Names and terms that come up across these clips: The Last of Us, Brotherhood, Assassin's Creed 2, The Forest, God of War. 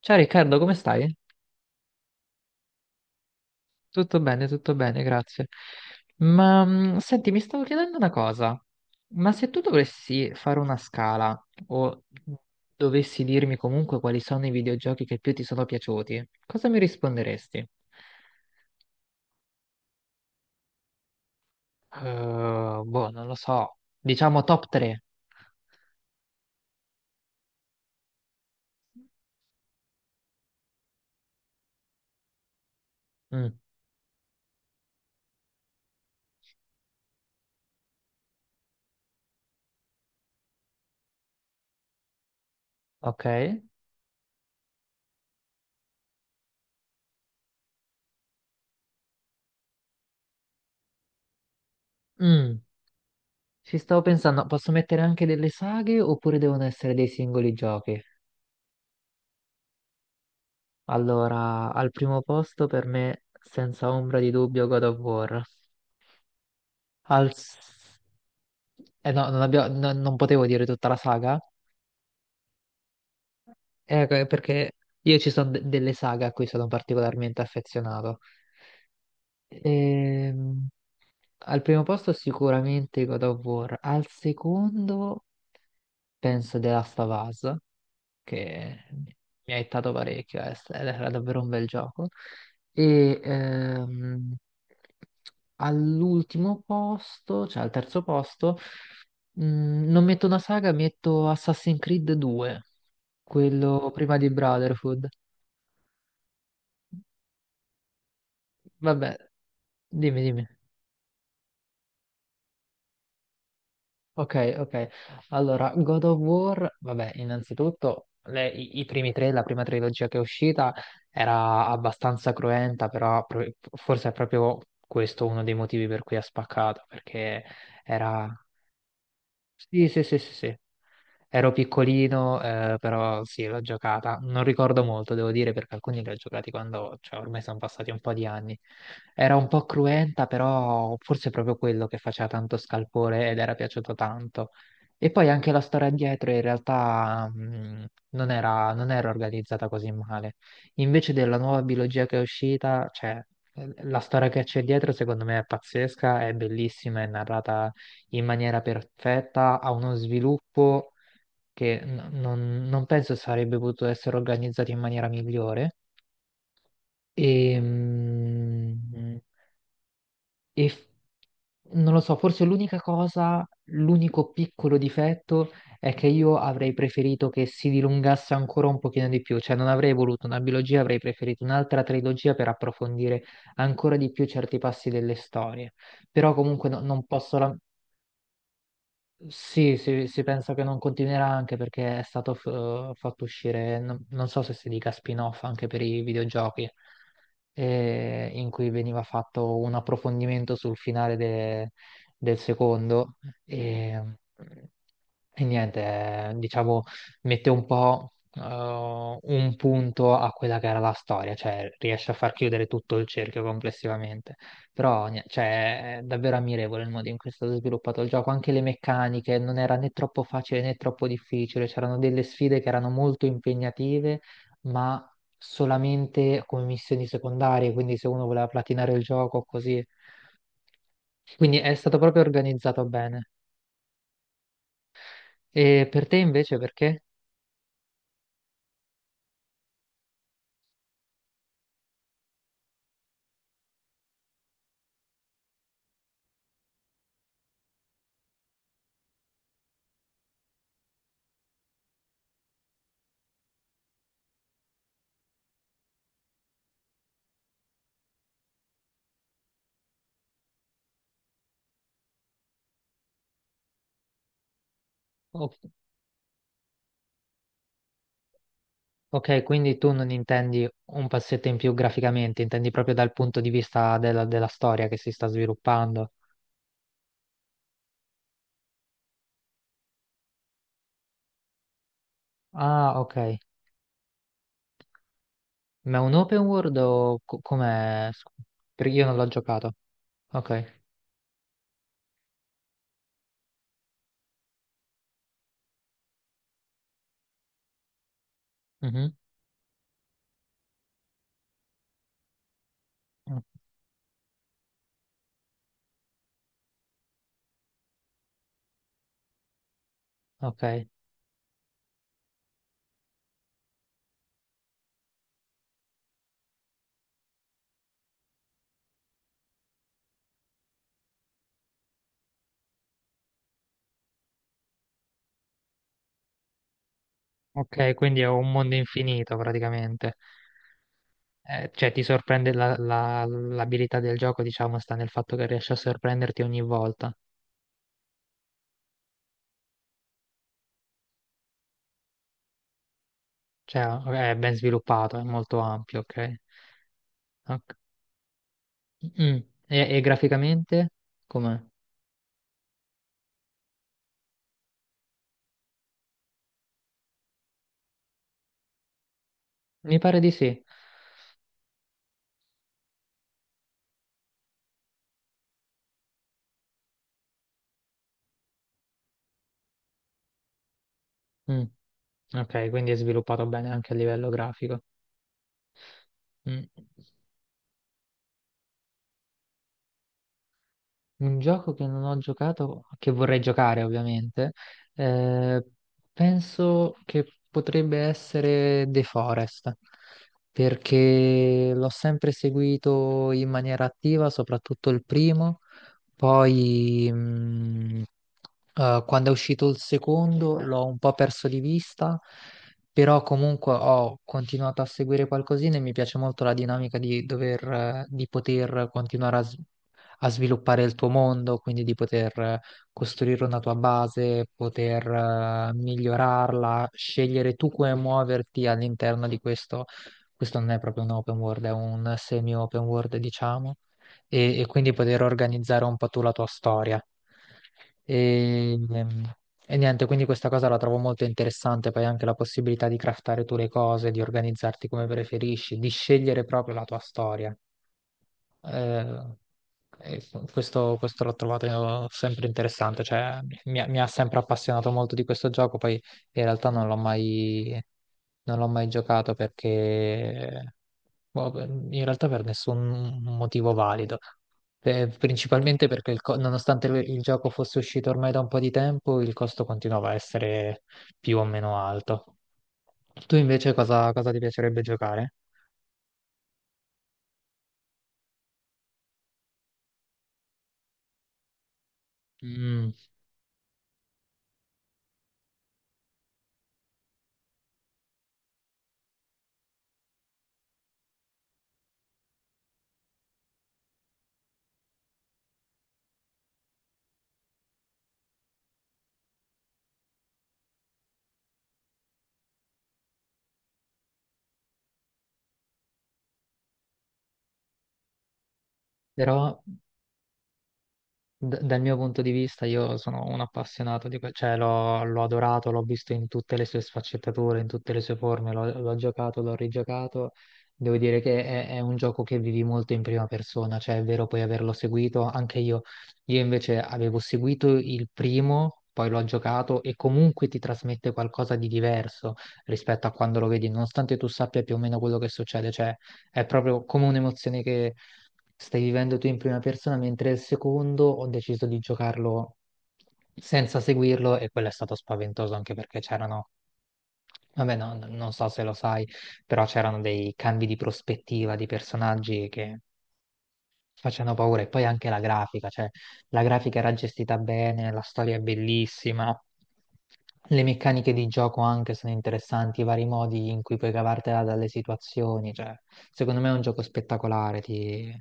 Ciao Riccardo, come stai? Tutto bene, grazie. Ma senti, mi stavo chiedendo una cosa, ma se tu dovessi fare una scala o dovessi dirmi comunque quali sono i videogiochi che più ti sono piaciuti, cosa mi risponderesti? Boh, non lo so, diciamo top 3. Mm, ok. Mm, ci stavo pensando, posso mettere anche delle saghe oppure devono essere dei singoli giochi? Allora, al primo posto per me, senza ombra di dubbio, God of War. Al... s- Eh no, non, abbia- no- Non potevo dire tutta la saga, perché io ci sono de- delle saghe a cui sono particolarmente affezionato. Ehm, al primo posto sicuramente God of War, al secondo penso The Last of Us, che mi ha aiutato parecchio, ed era davvero un bel gioco. E all'ultimo posto, cioè al terzo posto, mh, non metto una saga, metto Assassin's Creed 2, quello prima di Brotherhood. Vabbè, dimmi, dimmi. Ok, ok. Allora, God of War, vabbè, innanzitutto i primi tre, la prima trilogia che è uscita era abbastanza cruenta, forse è proprio questo uno dei motivi per cui ha spaccato, perché era... Sì, sì, sì, sì, sì. Ero piccolino, però sì, l'ho giocata. Non ricordo molto, devo dire, perché alcuni li ho giocati quando, cioè, ormai sono passati un po' di anni. Era un po' cruenta, però forse è proprio quello che faceva tanto scalpore ed era piaciuto tanto. E poi anche la storia dietro in realtà non era, non era organizzata così male. Invece della nuova biologia che è uscita, cioè, la storia che c'è dietro secondo me è pazzesca, è bellissima, è narrata in maniera perfetta, ha uno sviluppo che non penso sarebbe potuto essere organizzato in maniera migliore. E, e f- non lo so, forse l'unica cosa, l'unico piccolo difetto è che io avrei preferito che si dilungasse ancora un pochino di più, cioè non avrei voluto una biologia, avrei preferito un'altra trilogia per approfondire ancora di più certi passi delle storie. Però comunque non posso, sì, si pensa che non continuerà anche perché è stato fatto uscire, non, non so se si dica spin-off anche per i videogiochi, in cui veniva fatto un approfondimento sul finale del secondo. E, e niente, diciamo, mette un po' un punto a quella che era la storia, cioè riesce a far chiudere tutto il cerchio complessivamente. Però cioè, è davvero ammirevole il modo in cui è stato sviluppato il gioco, anche le meccaniche, non era né troppo facile né troppo difficile, c'erano delle sfide che erano molto impegnative, ma solamente come missioni secondarie, quindi se uno voleva platinare il gioco così. Quindi è stato proprio organizzato bene. E per te invece perché? Ok, quindi tu non intendi un passetto in più graficamente, intendi proprio dal punto di vista della, della storia che si sta sviluppando. Ah, ok. Ma è un open world o com'è? Perché io non l'ho giocato. Ok. Mhm. Mm, ok. Ok, quindi è un mondo infinito praticamente. Cioè ti sorprende l'abilità del gioco, diciamo, sta nel fatto che riesce a sorprenderti ogni volta. Cioè è ben sviluppato, è molto ampio, ok? Ok. Mm. E graficamente? Com'è? Mi pare di sì. Mm. Ok, quindi è sviluppato bene anche a livello grafico. Mm. Un gioco che non ho giocato, che vorrei giocare ovviamente, eh, penso che potrebbe essere The Forest, perché l'ho sempre seguito in maniera attiva, soprattutto il primo. Poi, eh, quando è uscito il secondo l'ho un po' perso di vista, però comunque ho continuato a seguire qualcosina e mi piace molto la dinamica di dover, di poter continuare a sviluppare il tuo mondo, quindi di poter costruire una tua base, poter migliorarla, scegliere tu come muoverti all'interno di questo. Questo non è proprio un open world, è un semi-open world, diciamo e quindi poter organizzare un po' tu la tua storia. E, ehm, e niente, quindi questa cosa la trovo molto interessante, poi anche la possibilità di craftare tu le cose, di organizzarti come preferisci, di scegliere proprio la tua storia. Eh, e questo l'ho trovato sempre interessante, cioè mi ha sempre appassionato molto di questo gioco, poi in realtà non l'ho mai giocato perché boh, beh, in realtà per nessun motivo valido. Principalmente perché nonostante il gioco fosse uscito ormai da un po' di tempo, il costo continuava a essere più o meno alto. Tu invece cosa, cosa ti piacerebbe giocare? Mm, però dal mio punto di vista, io sono un appassionato di cioè l'ho adorato, l'ho visto in tutte le sue sfaccettature, in tutte le sue forme, l'ho giocato, l'ho rigiocato. Devo dire che è un gioco che vivi molto in prima persona, cioè è vero poi averlo seguito, anche io. Io invece avevo seguito il primo, poi l'ho giocato e comunque ti trasmette qualcosa di diverso rispetto a quando lo vedi, nonostante tu sappia più o meno quello che succede, cioè è proprio come un'emozione che stai vivendo tu in prima persona, mentre il secondo ho deciso di giocarlo senza seguirlo e quello è stato spaventoso anche perché c'erano, vabbè, no, non so se lo sai, però c'erano dei cambi di prospettiva di personaggi che facendo paura. E poi anche la grafica, cioè la grafica era gestita bene, la storia è bellissima, le meccaniche di gioco anche sono interessanti, i vari modi in cui puoi cavartela dalle situazioni, cioè secondo me è un gioco spettacolare, ti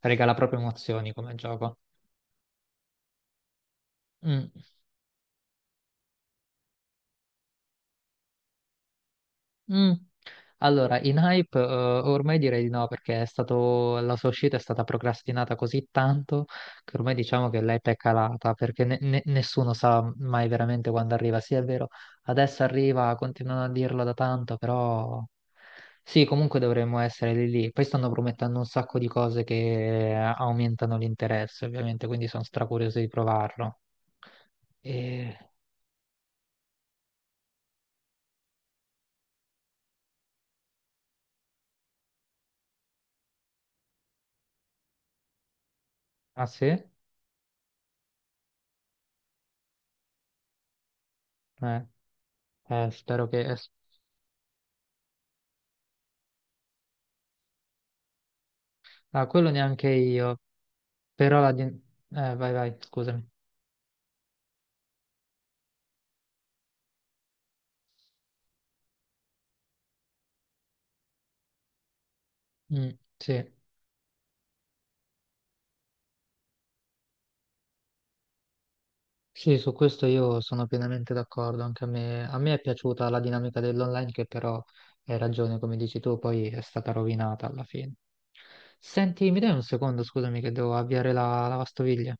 regala proprio emozioni come gioco. Mm. Mm. Allora, in hype ormai direi di no perché è stato, la sua uscita è stata procrastinata così tanto che ormai diciamo che l'hype è calata perché nessuno sa mai veramente quando arriva. Sì, è vero, adesso arriva, continuano a dirlo da tanto, però sì, comunque dovremmo essere lì lì. Poi stanno promettendo un sacco di cose che aumentano l'interesse, ovviamente, quindi sono stracurioso di provarlo. E... Ah sì? Eh, eh, spero che, ah, quello neanche io, però eh, vai, vai, scusami. Mm, sì. Sì, su questo io sono pienamente d'accordo, anche a me è piaciuta la dinamica dell'online che però hai ragione, come dici tu, poi è stata rovinata alla fine. Senti, mi dai un secondo, scusami, che devo avviare la lavastoviglie?